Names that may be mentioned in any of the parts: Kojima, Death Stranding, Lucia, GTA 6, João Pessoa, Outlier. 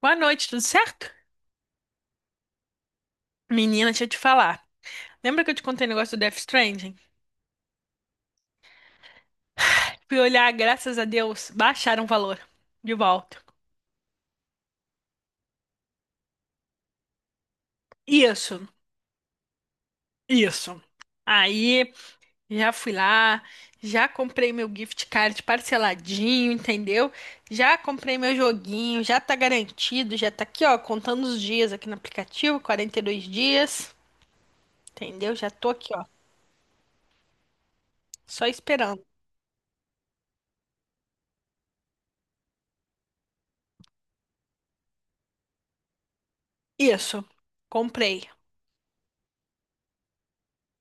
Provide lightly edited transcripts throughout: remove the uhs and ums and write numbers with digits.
Boa noite, tudo certo? Menina, deixa eu te falar. Lembra que eu te contei o negócio do Death Stranding? Fui olhar, graças a Deus, baixaram o valor de volta. Isso, isso. Aí, já fui lá, já comprei meu gift card parceladinho, entendeu? Já comprei meu joguinho, já tá garantido, já tá aqui, ó, contando os dias aqui no aplicativo, 42 dias, entendeu? Já tô aqui, ó, só esperando. Isso, comprei.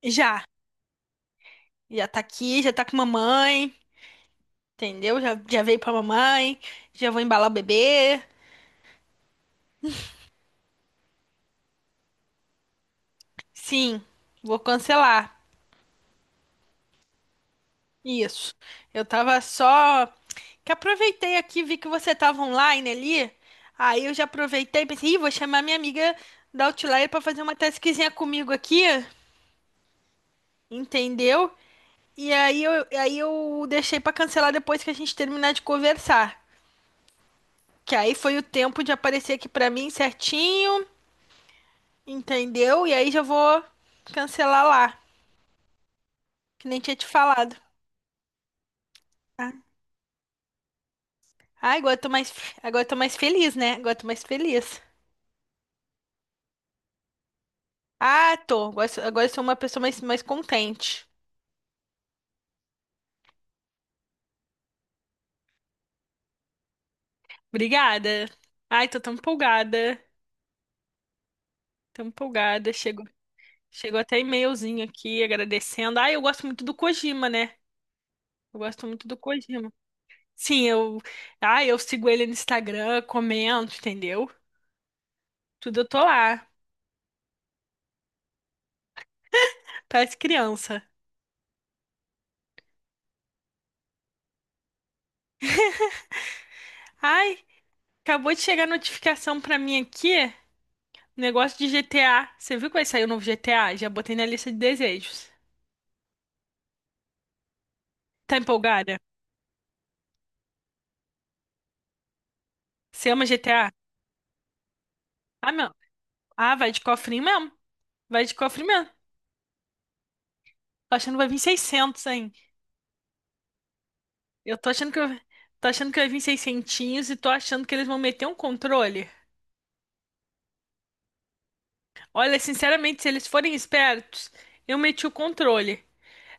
Já, já tá aqui, já tá com mamãe. Entendeu? Já, já veio pra mamãe, já vou embalar o bebê. Sim, vou cancelar. Isso. Eu tava só que aproveitei aqui, vi que você tava online ali. Aí eu já aproveitei e pensei, ih, vou chamar minha amiga da Outlier pra fazer uma tasquinha comigo aqui, entendeu? E aí eu deixei pra cancelar depois que a gente terminar de conversar. Que aí foi o tempo de aparecer aqui pra mim certinho, entendeu? E aí já vou cancelar lá. Que nem tinha te falado. Ah, ah, agora eu tô mais feliz, né? Agora eu tô mais feliz. Ah, tô. Agora, eu sou uma pessoa mais contente. Obrigada. Ai, tô tão empolgada. Tão empolgada. Chegou, chegou até e-mailzinho aqui agradecendo. Ai, eu gosto muito do Kojima, né? Eu gosto muito do Kojima. Sim, eu. Ai, eu sigo ele no Instagram, comento, entendeu? Tudo eu tô lá. Parece criança. Ai, acabou de chegar a notificação pra mim aqui. Negócio de GTA. Você viu que vai sair o novo GTA? Já botei na lista de desejos. Tá empolgada? Você ama GTA? Ah, meu. Ah, vai de cofrinho mesmo. Vai de cofrinho mesmo. Tô achando que vai vir 600, hein? Eu tô achando que eu... Tô achando que vai vir seiscentinhos e tô achando que eles vão meter um controle. Olha, sinceramente, se eles forem espertos, eu meti o controle.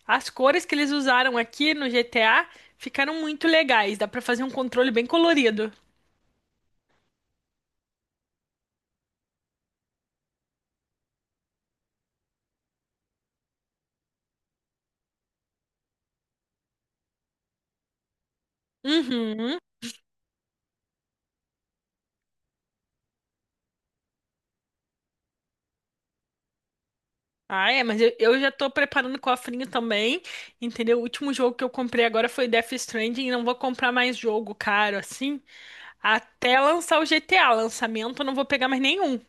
As cores que eles usaram aqui no GTA ficaram muito legais. Dá pra fazer um controle bem colorido. Uhum. Ah, é, mas eu já tô preparando o cofrinho também, entendeu? O último jogo que eu comprei agora foi Death Stranding e não vou comprar mais jogo caro, assim, até lançar o GTA. Lançamento eu não vou pegar mais nenhum,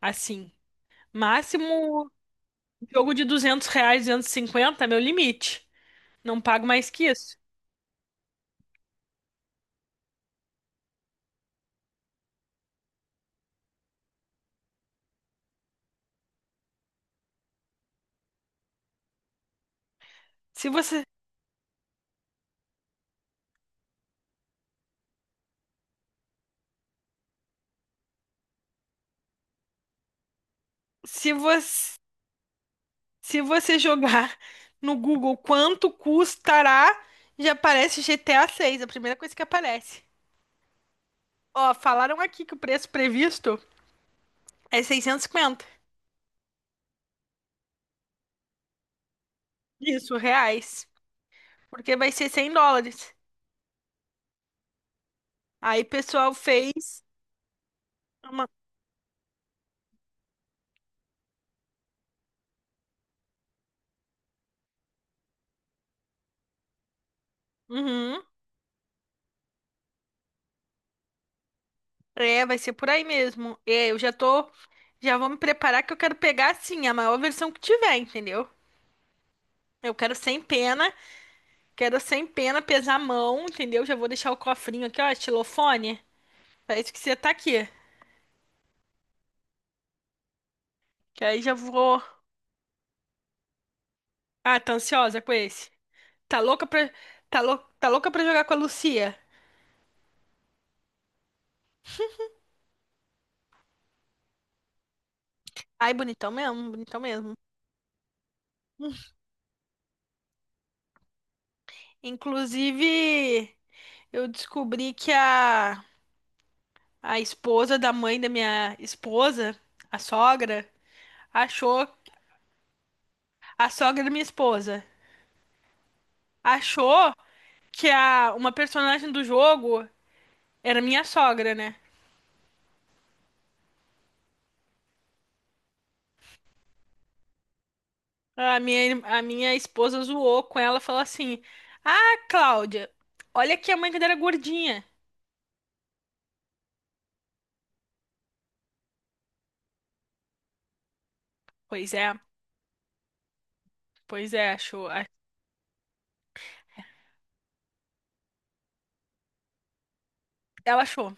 assim. Máximo jogo de 200 reais, 250 cinquenta, meu limite. Não pago mais que isso. Se você, se você, se você jogar no Google quanto custará, já aparece GTA 6, a seis, a primeira coisa que aparece. Ó, falaram aqui que o preço previsto é 650. Isso, reais. Porque vai ser 100 dólares. Aí, pessoal, fez uma... Uhum. É, vai ser por aí mesmo. É, eu já tô... Já vou me preparar que eu quero pegar, assim, a maior versão que tiver, entendeu? Eu quero sem pena. Quero sem pena, pesar a mão, entendeu? Já vou deixar o cofrinho aqui, ó, estilofone. Pra isso que você tá aqui. Que aí já vou... Ah, tá ansiosa com esse? Tá louca pra... Tá louca pra jogar com a Lucia? Ai, bonitão mesmo, bonitão mesmo. Inclusive, eu descobri que a esposa da mãe da minha esposa, a sogra, achou. A sogra da minha esposa achou que uma personagem do jogo era minha sogra, né? A minha esposa zoou com ela, falou assim: Ah, Cláudia, olha que a mãe dela era gordinha. Pois é, pois é, achou. Ela achou.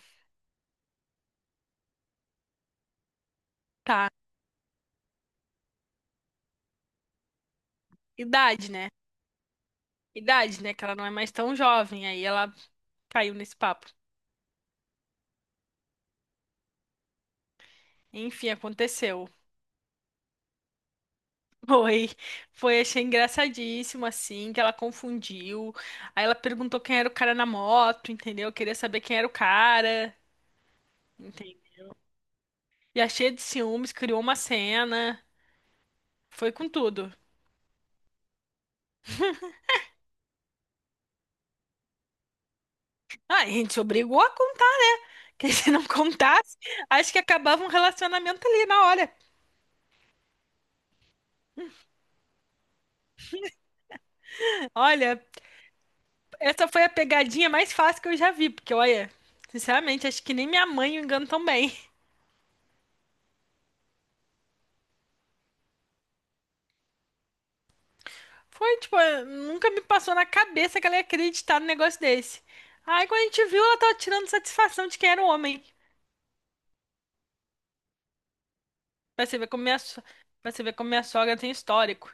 Tá, idade, né? Idade, né? Que ela não é mais tão jovem. Aí ela caiu nesse papo. Enfim, aconteceu. Foi, foi, achei engraçadíssimo, assim, que ela confundiu. Aí ela perguntou quem era o cara na moto, entendeu? Queria saber quem era o cara, entende? E a cheia de ciúmes, criou uma cena. Foi com tudo. Ah, a gente se obrigou a contar. Que se não contasse, acho que acabava um relacionamento ali na hora. Olha, essa foi a pegadinha mais fácil que eu já vi, porque, olha, sinceramente, acho que nem minha mãe me engano tão bem. Foi, tipo, nunca me passou na cabeça que ela ia acreditar num negócio desse. Aí quando a gente viu, ela tava tirando satisfação de quem era o homem. Pra você ver como minha, so- pra você ver como minha sogra tem histórico.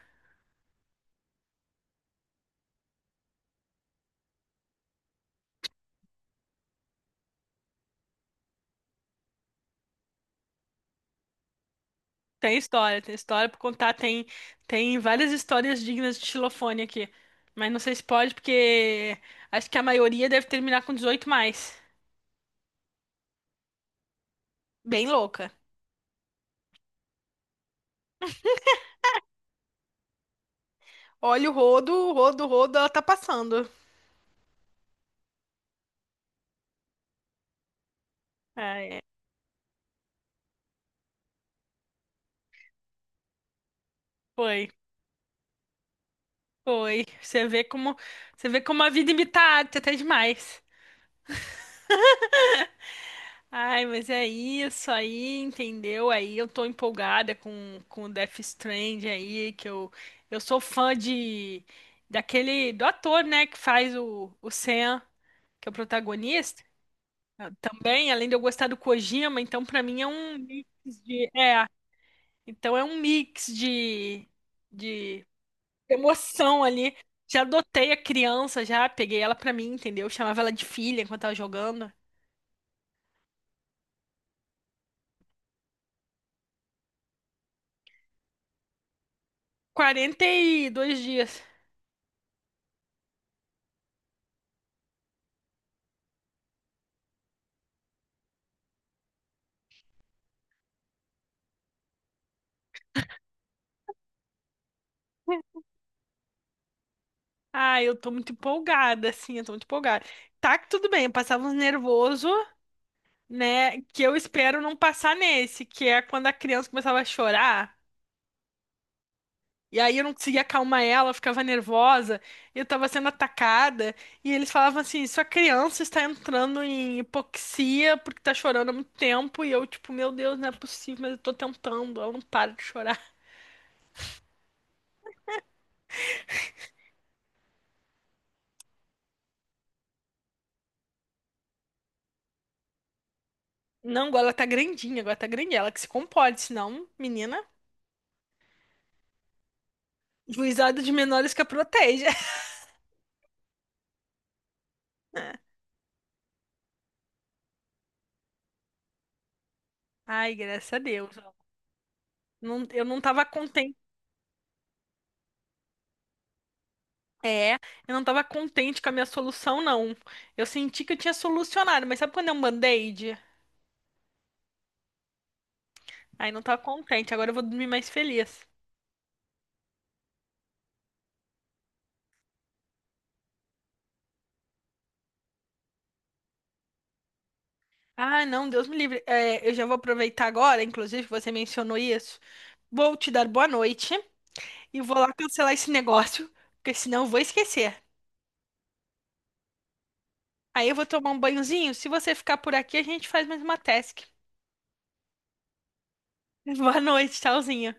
Tem história pra contar, tem várias histórias dignas de xilofone aqui. Mas não sei se pode, porque acho que a maioria deve terminar com 18 mais. Bem louca. Olha o rodo, o rodo, o rodo, ela tá passando. Ah, é. Foi, foi. Você vê como a vida imita a arte até demais. Ai, mas é isso aí, entendeu? Aí eu tô empolgada com o Death Stranding aí, que eu sou fã de daquele do ator, né, que faz o Sam, que é o protagonista. Eu também, além de eu gostar do Kojima, então pra mim é um mix de é, então é um mix de emoção ali. Já adotei a criança, já peguei ela pra mim, entendeu? Chamava ela de filha enquanto tava jogando. 42 dias. Ah, eu tô muito empolgada, assim, eu tô muito empolgada. Tá que tudo bem, eu passava uns nervoso, né? Que eu espero não passar nesse, que é quando a criança começava a chorar. E aí eu não conseguia acalmar ela, eu ficava nervosa, eu tava sendo atacada, e eles falavam assim: sua criança está entrando em hipoxia porque tá chorando há muito tempo, e eu, tipo, meu Deus, não é possível, mas eu tô tentando, ela não para de chorar. Não, agora ela tá grandinha, agora tá grandinha, ela que se compode, senão, menina, juizado de menores que a protege. Ai, graças a Deus. Ó. Eu não tava contente. É, eu não tava contente com a minha solução, não. Eu senti que eu tinha solucionado, mas sabe quando é um band-aid? Aí não tava contente, agora eu vou dormir mais feliz. Ah, não, Deus me livre. É, eu já vou aproveitar agora, inclusive você mencionou isso. Vou te dar boa noite e vou lá cancelar esse negócio, porque senão eu vou esquecer. Aí eu vou tomar um banhozinho. Se você ficar por aqui, a gente faz mais uma task. Boa noite, tchauzinho.